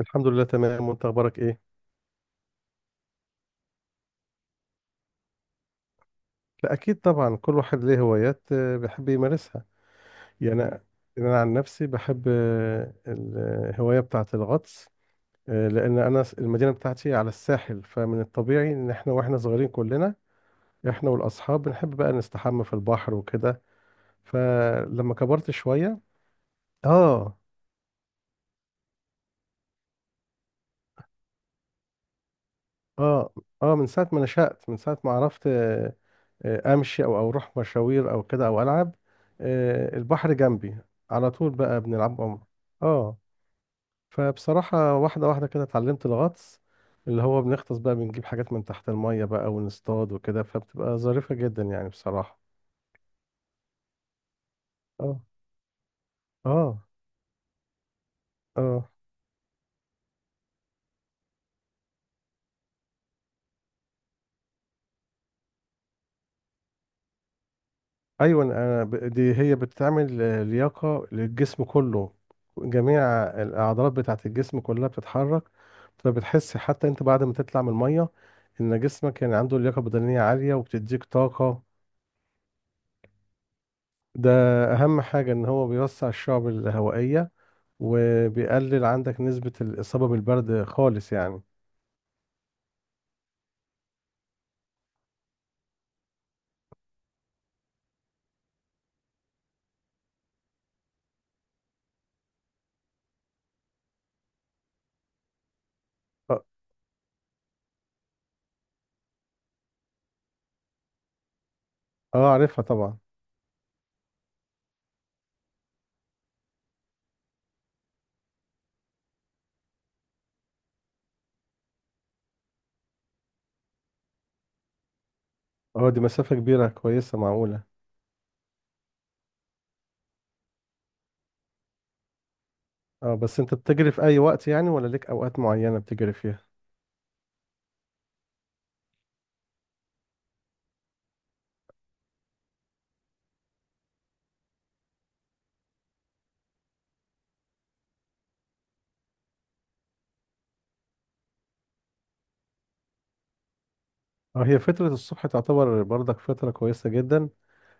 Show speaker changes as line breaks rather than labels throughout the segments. الحمد لله تمام، وانت اخبارك ايه؟ لا، اكيد طبعا كل واحد ليه هوايات بيحب يمارسها. يعني انا يعني أنا عن نفسي بحب الهوايه بتاعه الغطس. لان انا المدينه بتاعتي على الساحل، فمن الطبيعي ان احنا واحنا صغيرين كلنا احنا والاصحاب بنحب بقى نستحمى في البحر وكده. فلما كبرت شويه. اه، اه، اه. من ساعه ما نشأت، من ساعه ما عرفت امشي او اروح مشاوير او كده او العب. البحر جنبي، على طول بقى بنلعب عمر. اه. فبصراحة واحدة واحدة كده اتعلمت الغطس، اللي هو بنغطس بقى بنجيب حاجات من تحت المية بقى ونصطاد وكده، فبتبقى ظريفة جدا يعني بصراحة. اه، اه، اه. ايوه، أنا دي هي بتعمل لياقه للجسم كله، جميع الاعضلات بتاعه الجسم كلها بتتحرك، فبتحس حتى انت بعد ما تطلع من الميه ان جسمك يعني عنده لياقه بدنيه عاليه وبتديك طاقه. ده اهم حاجه ان هو بيوسع الشعب الهوائيه، وبيقلل عندك نسبه الاصابه بالبرد خالص يعني. اه. عارفها طبعا. اه، دي مسافه كبيره كويسه، معقوله. اه، بس انت بتجري في اي وقت يعني ولا ليك اوقات معينه بتجري فيها؟ اه، هي فترة الصبح تعتبر برضك فترة كويسة جدا،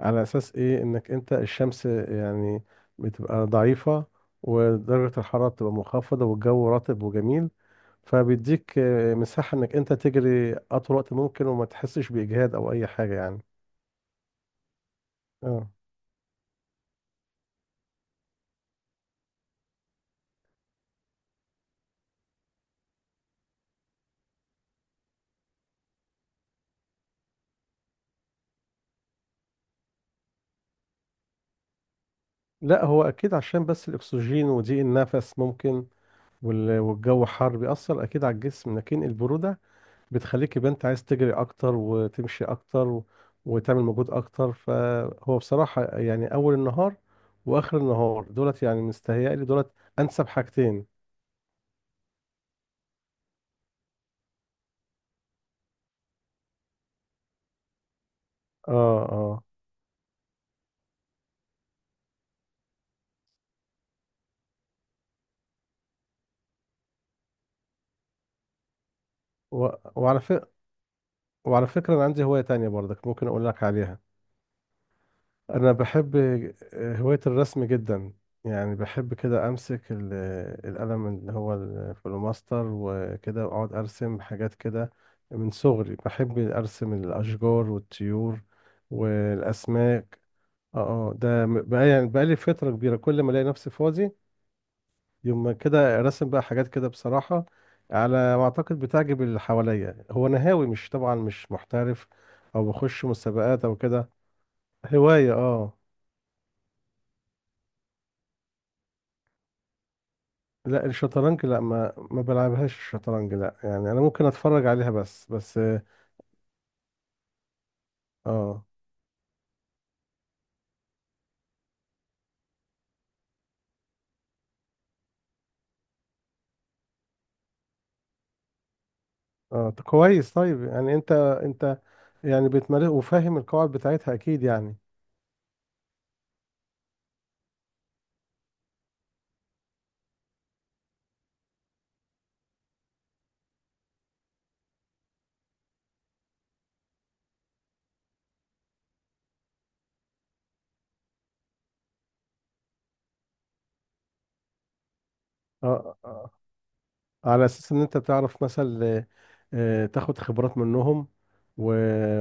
على أساس إيه إنك أنت الشمس يعني بتبقى ضعيفة، ودرجة الحرارة بتبقى منخفضة والجو رطب وجميل، فبيديك مساحة إنك أنت تجري أطول وقت ممكن وما تحسش بإجهاد أو أي حاجة يعني. اه، لا هو أكيد عشان بس الأكسجين وضيق النفس ممكن، والجو حر بيأثر أكيد على الجسم، لكن البرودة بتخليك يبقى انت عايز تجري اكتر وتمشي اكتر وتعمل مجهود اكتر، فهو بصراحة يعني اول النهار واخر النهار دولت، يعني مستهيألي دولت انسب حاجتين. اه. اه. و... وعلى ف... وعلى فكرة انا عندي هواية تانية برضك، ممكن اقول لك عليها. انا بحب هواية الرسم جدا، يعني بحب كده امسك القلم اللي هو الفلوماستر وكده، واقعد ارسم حاجات كده. من صغري بحب ارسم الاشجار والطيور والاسماك. اه. ده بقى يعني بقالي فترة كبيرة كل ما الاقي نفسي فاضي يوم ما كده رسم بقى حاجات كده بصراحة. على ما اعتقد بتعجب اللي حواليا، هو انا هاوي، مش طبعا، مش محترف او بخش مسابقات او كده. هواية. اه. لا الشطرنج، لا ما بلعبهاش الشطرنج لا، يعني انا ممكن اتفرج عليها بس اه اه. طب كويس، طيب يعني انت يعني بتمارس وفاهم القواعد بتاعتها اكيد يعني. اه. على اساس ان انت بتعرف مثلا تاخد خبرات منهم، و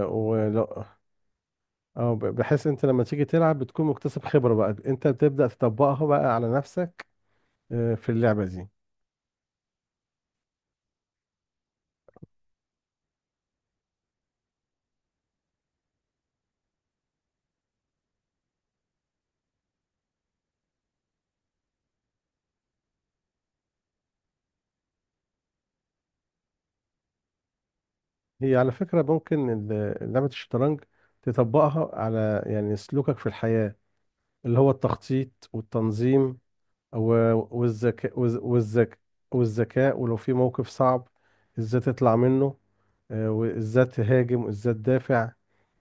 ولو بحيث انت لما تيجي تلعب بتكون مكتسب خبرة، بقى انت بتبدأ تطبقها بقى على نفسك في اللعبة دي. هي على فكرة ممكن لعبة الشطرنج تطبقها على يعني سلوكك في الحياة، اللي هو التخطيط والتنظيم و- والذكاء والذ- والذك والذكاء، ولو في موقف صعب ازاي تطلع منه وازاي تهاجم وازاي تدافع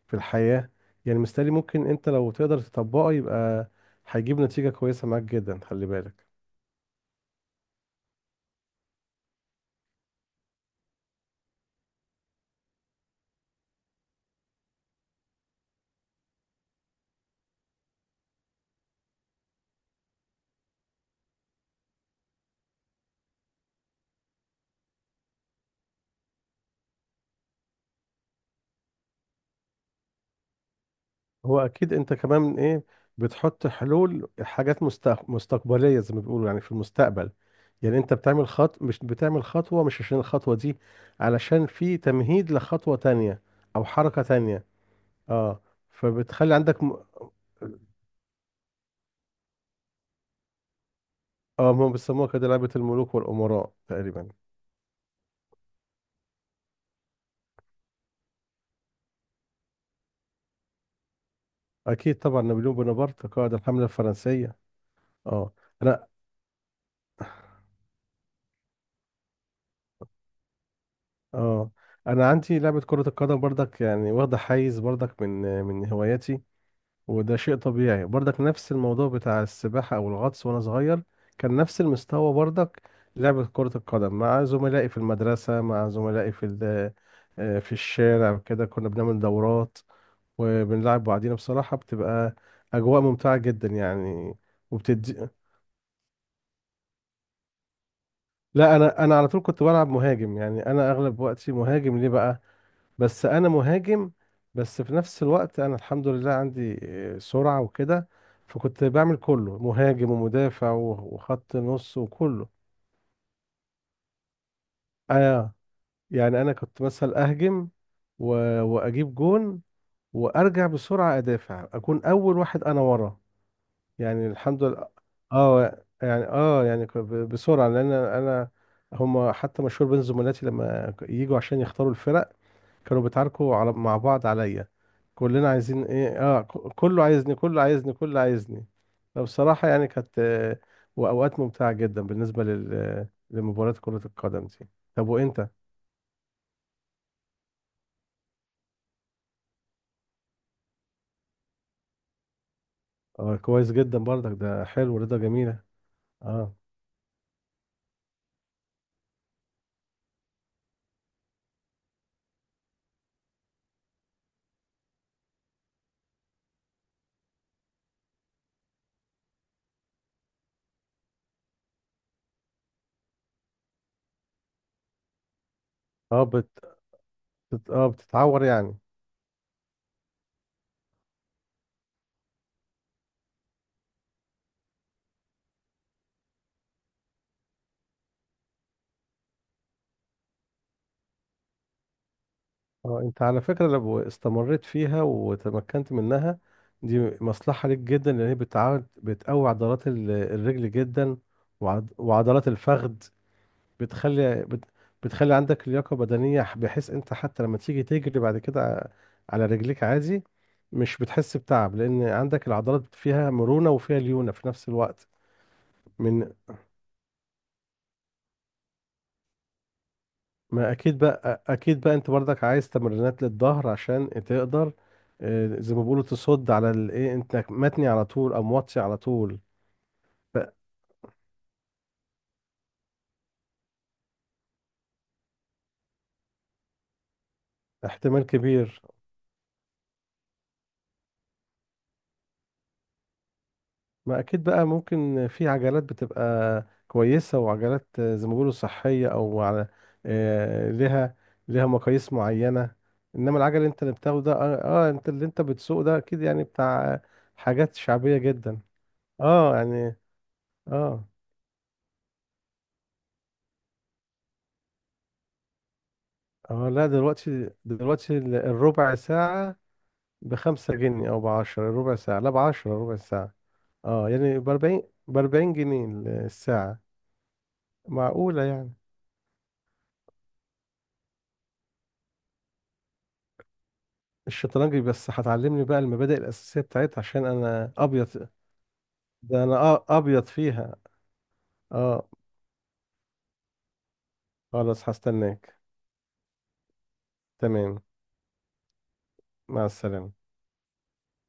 في الحياة. يعني مستني، ممكن انت لو تقدر تطبقه يبقى هيجيب نتيجة كويسة معاك جدا، خلي بالك. هو اكيد انت كمان ايه، بتحط حلول حاجات مستقبليه، زي ما بيقولوا يعني في المستقبل. يعني انت بتعمل خط، مش بتعمل خطوه مش عشان الخطوه دي، علشان في تمهيد لخطوه تانية او حركه تانية. اه. فبتخلي عندك اه، هم بيسموها كده لعبه الملوك والامراء تقريبا. اكيد طبعا، نابليون بونابرت قائد الحمله الفرنسيه. اه انا اه، انا عندي لعبه كره القدم برضك يعني، واخده حيز برضك من هواياتي. وده شيء طبيعي برضك، نفس الموضوع بتاع السباحة أو الغطس، وأنا صغير كان نفس المستوى برضك، لعبة كرة القدم مع زملائي في المدرسة، مع زملائي في ال- آه، في الشارع كده، كنا بنعمل دورات وبنلعب بعضينا، بصراحة بتبقى أجواء ممتعة جدا يعني. وبتدي. لا، أنا على طول كنت بلعب مهاجم، يعني أنا أغلب وقتي مهاجم ليه بقى، بس انا مهاجم. بس في نفس الوقت انا الحمد لله عندي سرعة وكده، فكنت بعمل كله مهاجم ومدافع وخط نص وكله. انا، يعني انا كنت مثلا اهجم و... واجيب جون، وارجع بسرعة ادافع، اكون اول واحد انا ورا. يعني الحمد لله. بسرعة لان انا، هما حتى مشهور بين زملاتي لما يجوا عشان يختاروا الفرق كانوا بيتعاركوا على مع بعض عليا، كلنا عايزين ايه. اه. كله عايزني كله عايزني كله عايزني. فبصراحة يعني كانت وأوقات ممتعة جدا بالنسبة لمباراة كرة القدم دي. طب وأنت؟ اه، كويس جدا برضك، ده حلو، رضا جميلة. اه. اه بتتعور يعني. اه، انت على فكرة لو استمريت فيها وتمكنت منها، دي مصلحة ليك جدا لان هي بتعود بتقوي عضلات الرجل جدا، وعضلات الفخذ، بتخلي بت... بتخلي عندك لياقة بدنية بحيث انت حتى لما تيجي تجري بعد كده على رجليك عادي، مش بتحس بتعب لان عندك العضلات فيها مرونة وفيها ليونة في نفس الوقت. من ما اكيد بقى، انت برضك عايز تمرينات للظهر عشان تقدر زي ما بيقولوا تصد على الايه، انت متني على طول او موطي على طول. فاحتمال كبير. ما اكيد بقى، ممكن في عجلات بتبقى كويسة وعجلات زي ما بيقولوا صحية او على لها، لها مقاييس معينة. انما العجل اللي بتاخده ده، انت بتسوق ده اكيد يعني بتاع حاجات شعبية جدا. اه يعني. اه. اه، لا، دلوقتي الربع ساعة ب5 جنيه او ب10 الربع ساعة. لا، ب10 ربع ساعة. اه، يعني ب40 جنيه الساعة. معقولة يعني. الشطرنج بس هتعلمني بقى المبادئ الأساسية بتاعتها عشان أنا أبيض، ده أنا أبيض فيها. أه، خلاص هستناك. تمام. مع السلامة.